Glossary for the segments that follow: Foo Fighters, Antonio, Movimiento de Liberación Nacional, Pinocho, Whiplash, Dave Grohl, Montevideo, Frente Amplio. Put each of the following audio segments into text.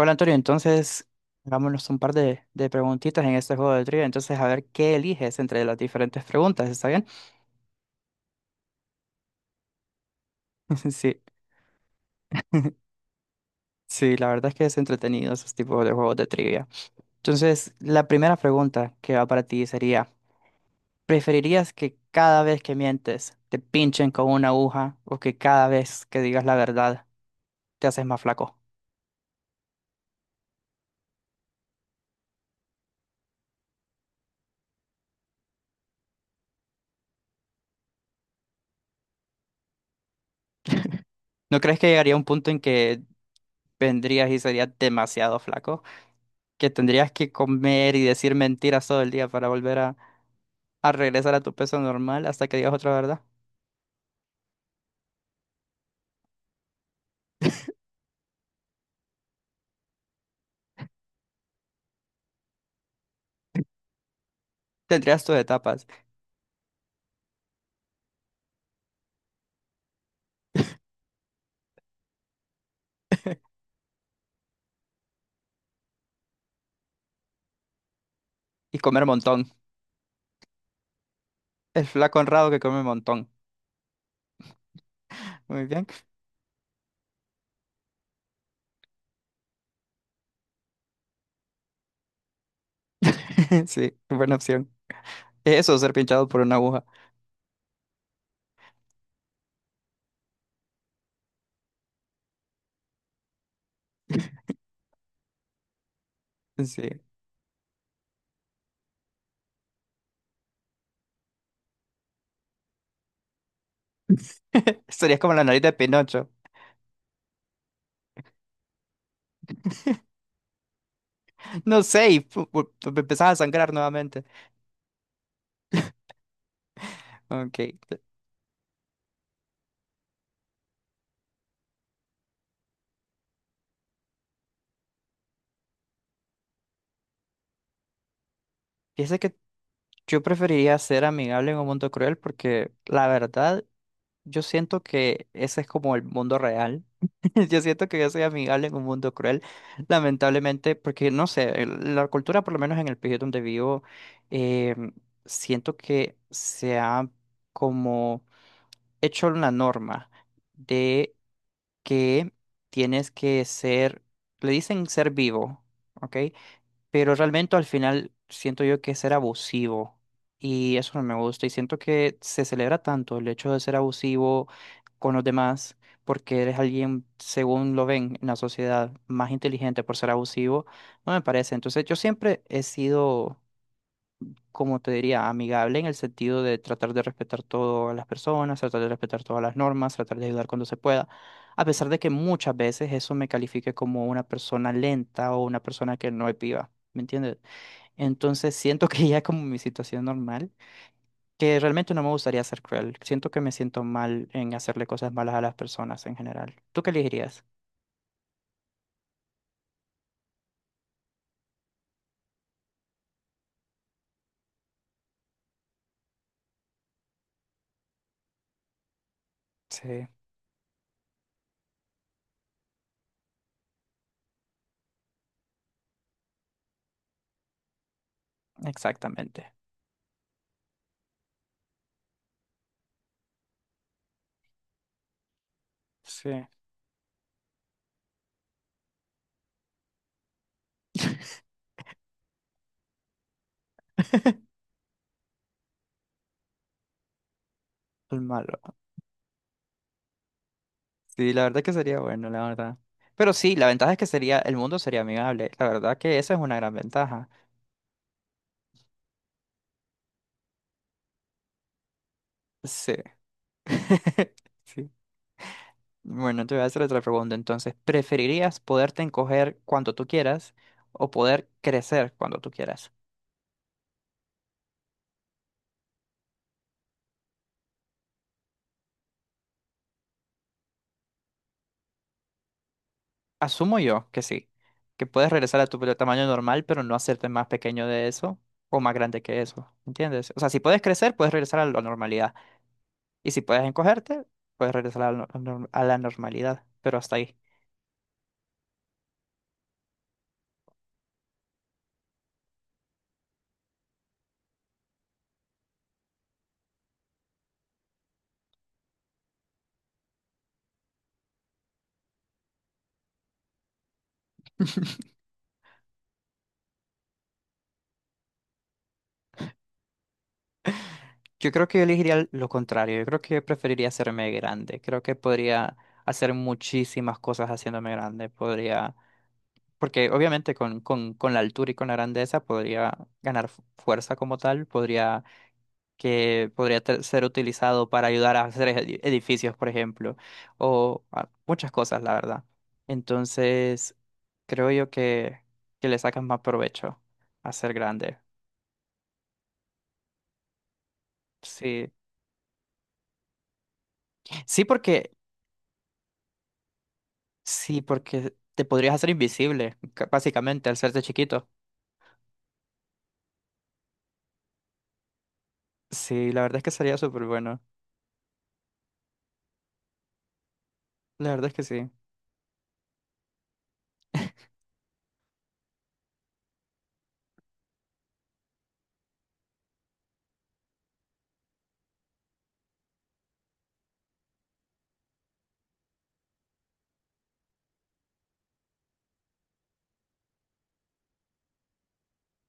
Hola Antonio, entonces hagámonos un par de preguntitas en este juego de trivia. Entonces, a ver qué eliges entre las diferentes preguntas, ¿está bien? Sí, sí, la verdad es que es entretenido esos tipos de juegos de trivia. Entonces, la primera pregunta que va para ti sería, ¿preferirías que cada vez que mientes te pinchen con una aguja o que cada vez que digas la verdad te haces más flaco? ¿No crees que llegaría un punto en que vendrías y serías demasiado flaco? Que tendrías que comer y decir mentiras todo el día para volver a regresar a tu peso normal hasta que digas otra verdad. Tendrías tus etapas y comer montón. El flaco honrado que come montón. Muy bien. Sí, buena opción. Eso, ser pinchado por una aguja. Sí. Serías como la nariz de Pinocho. No sé, y empezás a sangrar nuevamente. Ok. Fíjese que yo preferiría ser amigable en un mundo cruel porque la verdad yo siento que ese es como el mundo real. Yo siento que yo soy amigable en un mundo cruel, lamentablemente, porque no sé, la cultura, por lo menos en el país donde vivo, eh, siento que se ha como hecho una norma de que tienes que ser, le dicen ser vivo, ¿ok? Pero realmente al final siento yo que es ser abusivo y eso no me gusta y siento que se celebra tanto el hecho de ser abusivo con los demás porque eres alguien, según lo ven en la sociedad, más inteligente por ser abusivo, no me parece. Entonces yo siempre he sido, como te diría, amigable en el sentido de tratar de respetar todas las personas, tratar de respetar todas las normas, tratar de ayudar cuando se pueda. A pesar de que muchas veces eso me califique como una persona lenta o una persona que no es viva, ¿me entiendes? Entonces siento que ya como mi situación normal, que realmente no me gustaría ser cruel. Siento que me siento mal en hacerle cosas malas a las personas en general. ¿Tú qué elegirías? Sí, exactamente. Sí. El malo. Sí, la verdad que sería bueno, la verdad. Pero sí, la ventaja es que sería, el mundo sería amigable. La verdad que esa es una gran ventaja. Sí. Sí. Bueno, te voy a hacer otra pregunta entonces. ¿Preferirías poderte encoger cuando tú quieras o poder crecer cuando tú quieras? Asumo yo que sí, que puedes regresar a tu tamaño normal, pero no hacerte más pequeño de eso o más grande que eso, ¿entiendes? O sea, si puedes crecer, puedes regresar a la normalidad. Y si puedes encogerte, puedes regresar a la, nor- a la normalidad, pero hasta ahí. Yo creo que yo elegiría lo contrario, yo creo que preferiría hacerme grande, creo que podría hacer muchísimas cosas haciéndome grande, porque obviamente con la altura y con la grandeza podría ganar fuerza como tal, podría ser utilizado para ayudar a hacer edificios, por ejemplo, o ah, muchas cosas, la verdad. Entonces, creo yo que le sacan más provecho a ser grande. Sí, sí porque, sí porque te podrías hacer invisible, básicamente, al serte chiquito. Sí, la verdad es que sería súper bueno. La verdad es que sí.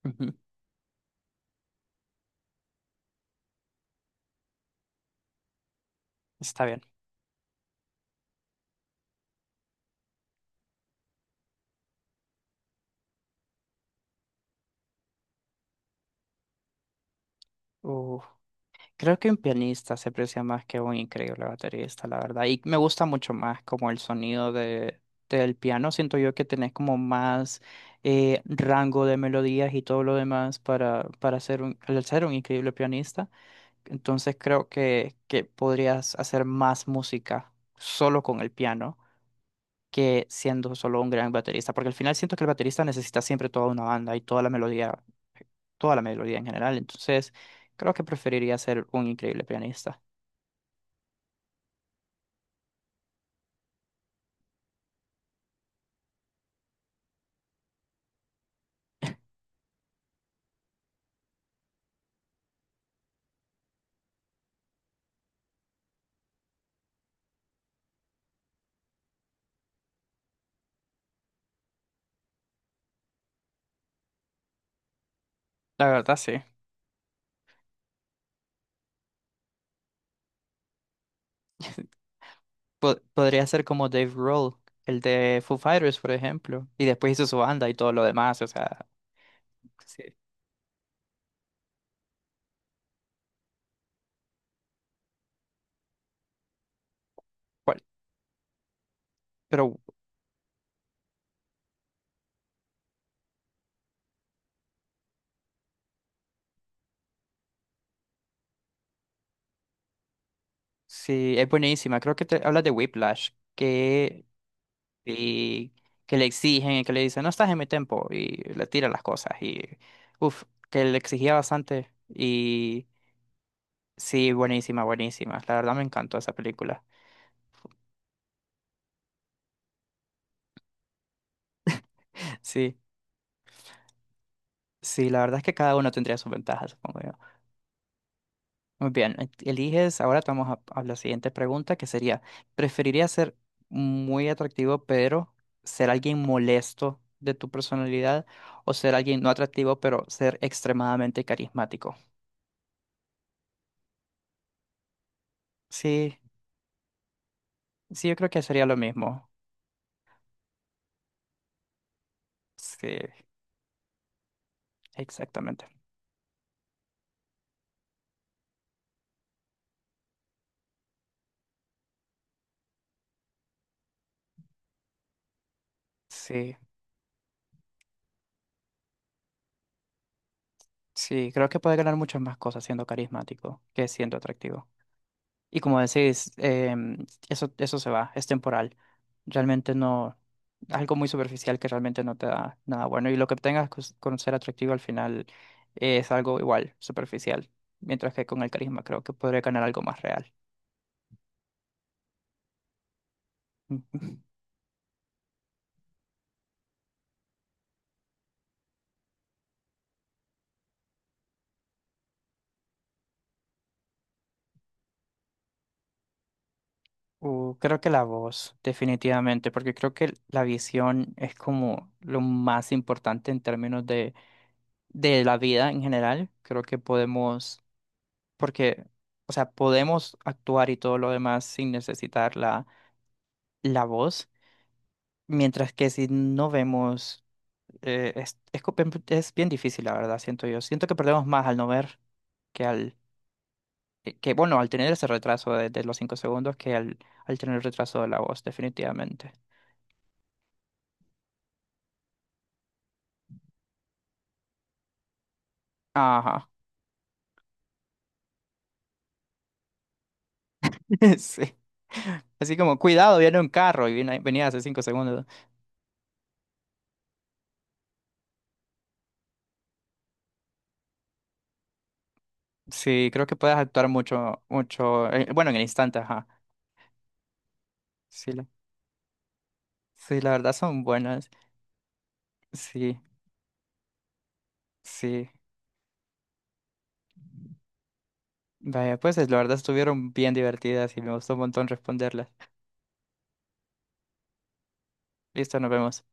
Ujú. Está bien. Uf. Creo que un pianista se aprecia más que un increíble baterista, la verdad. Y me gusta mucho más como el sonido del piano. Siento yo que tenés como más rango de melodías y todo lo demás para ser un, al ser un increíble pianista. Entonces creo que podrías hacer más música solo con el piano que siendo solo un gran baterista, porque al final siento que el baterista necesita siempre toda una banda y toda la melodía en general, entonces creo que preferiría ser un increíble pianista. La verdad, sí. Podría ser como Dave Grohl, el de Foo Fighters, por ejemplo, y después hizo su banda y todo lo demás, o sea, sí. Cual- Pero sí, es buenísima. Creo que te hablas de Whiplash, que y que le exigen y que le dicen, no estás en mi tiempo y le tira las cosas y uff, que le exigía bastante y sí, buenísima, buenísima. La verdad me encantó esa película. Sí, sí, la verdad es que cada uno tendría sus ventajas, supongo yo. Muy bien, eliges, ahora te vamos a la siguiente pregunta que sería, ¿preferiría ser muy atractivo pero ser alguien molesto de tu personalidad o ser alguien no atractivo pero ser extremadamente carismático? Sí. Sí, yo creo que sería lo mismo. Sí, exactamente. Sí, sí, creo que puede ganar muchas más cosas siendo carismático que siendo atractivo. Y como decís, eso, eso se va, es temporal. Realmente no, algo muy superficial que realmente no te da nada bueno. Y lo que obtengas con ser atractivo al final es algo igual, superficial. Mientras que con el carisma creo que podría ganar algo más real. Creo que la voz, definitivamente, porque creo que la visión es como lo más importante en términos de la vida en general. Creo que podemos, porque, o sea, podemos actuar y todo lo demás sin necesitar la voz, mientras que si no vemos, es bien difícil, la verdad, siento yo. Siento que perdemos más al no ver que al tener ese retraso de los cinco segundos que al tener el retraso de la voz, definitivamente. Ajá. Sí. Así como, cuidado, viene un carro y venía hace 5 segundos. Sí, creo que puedes actuar mucho, bueno, en el instante, ajá. Sí, la, sí, la verdad son buenas. Sí, sí. Vaya, pues la verdad estuvieron bien divertidas y me gustó un montón responderlas. Listo, nos vemos.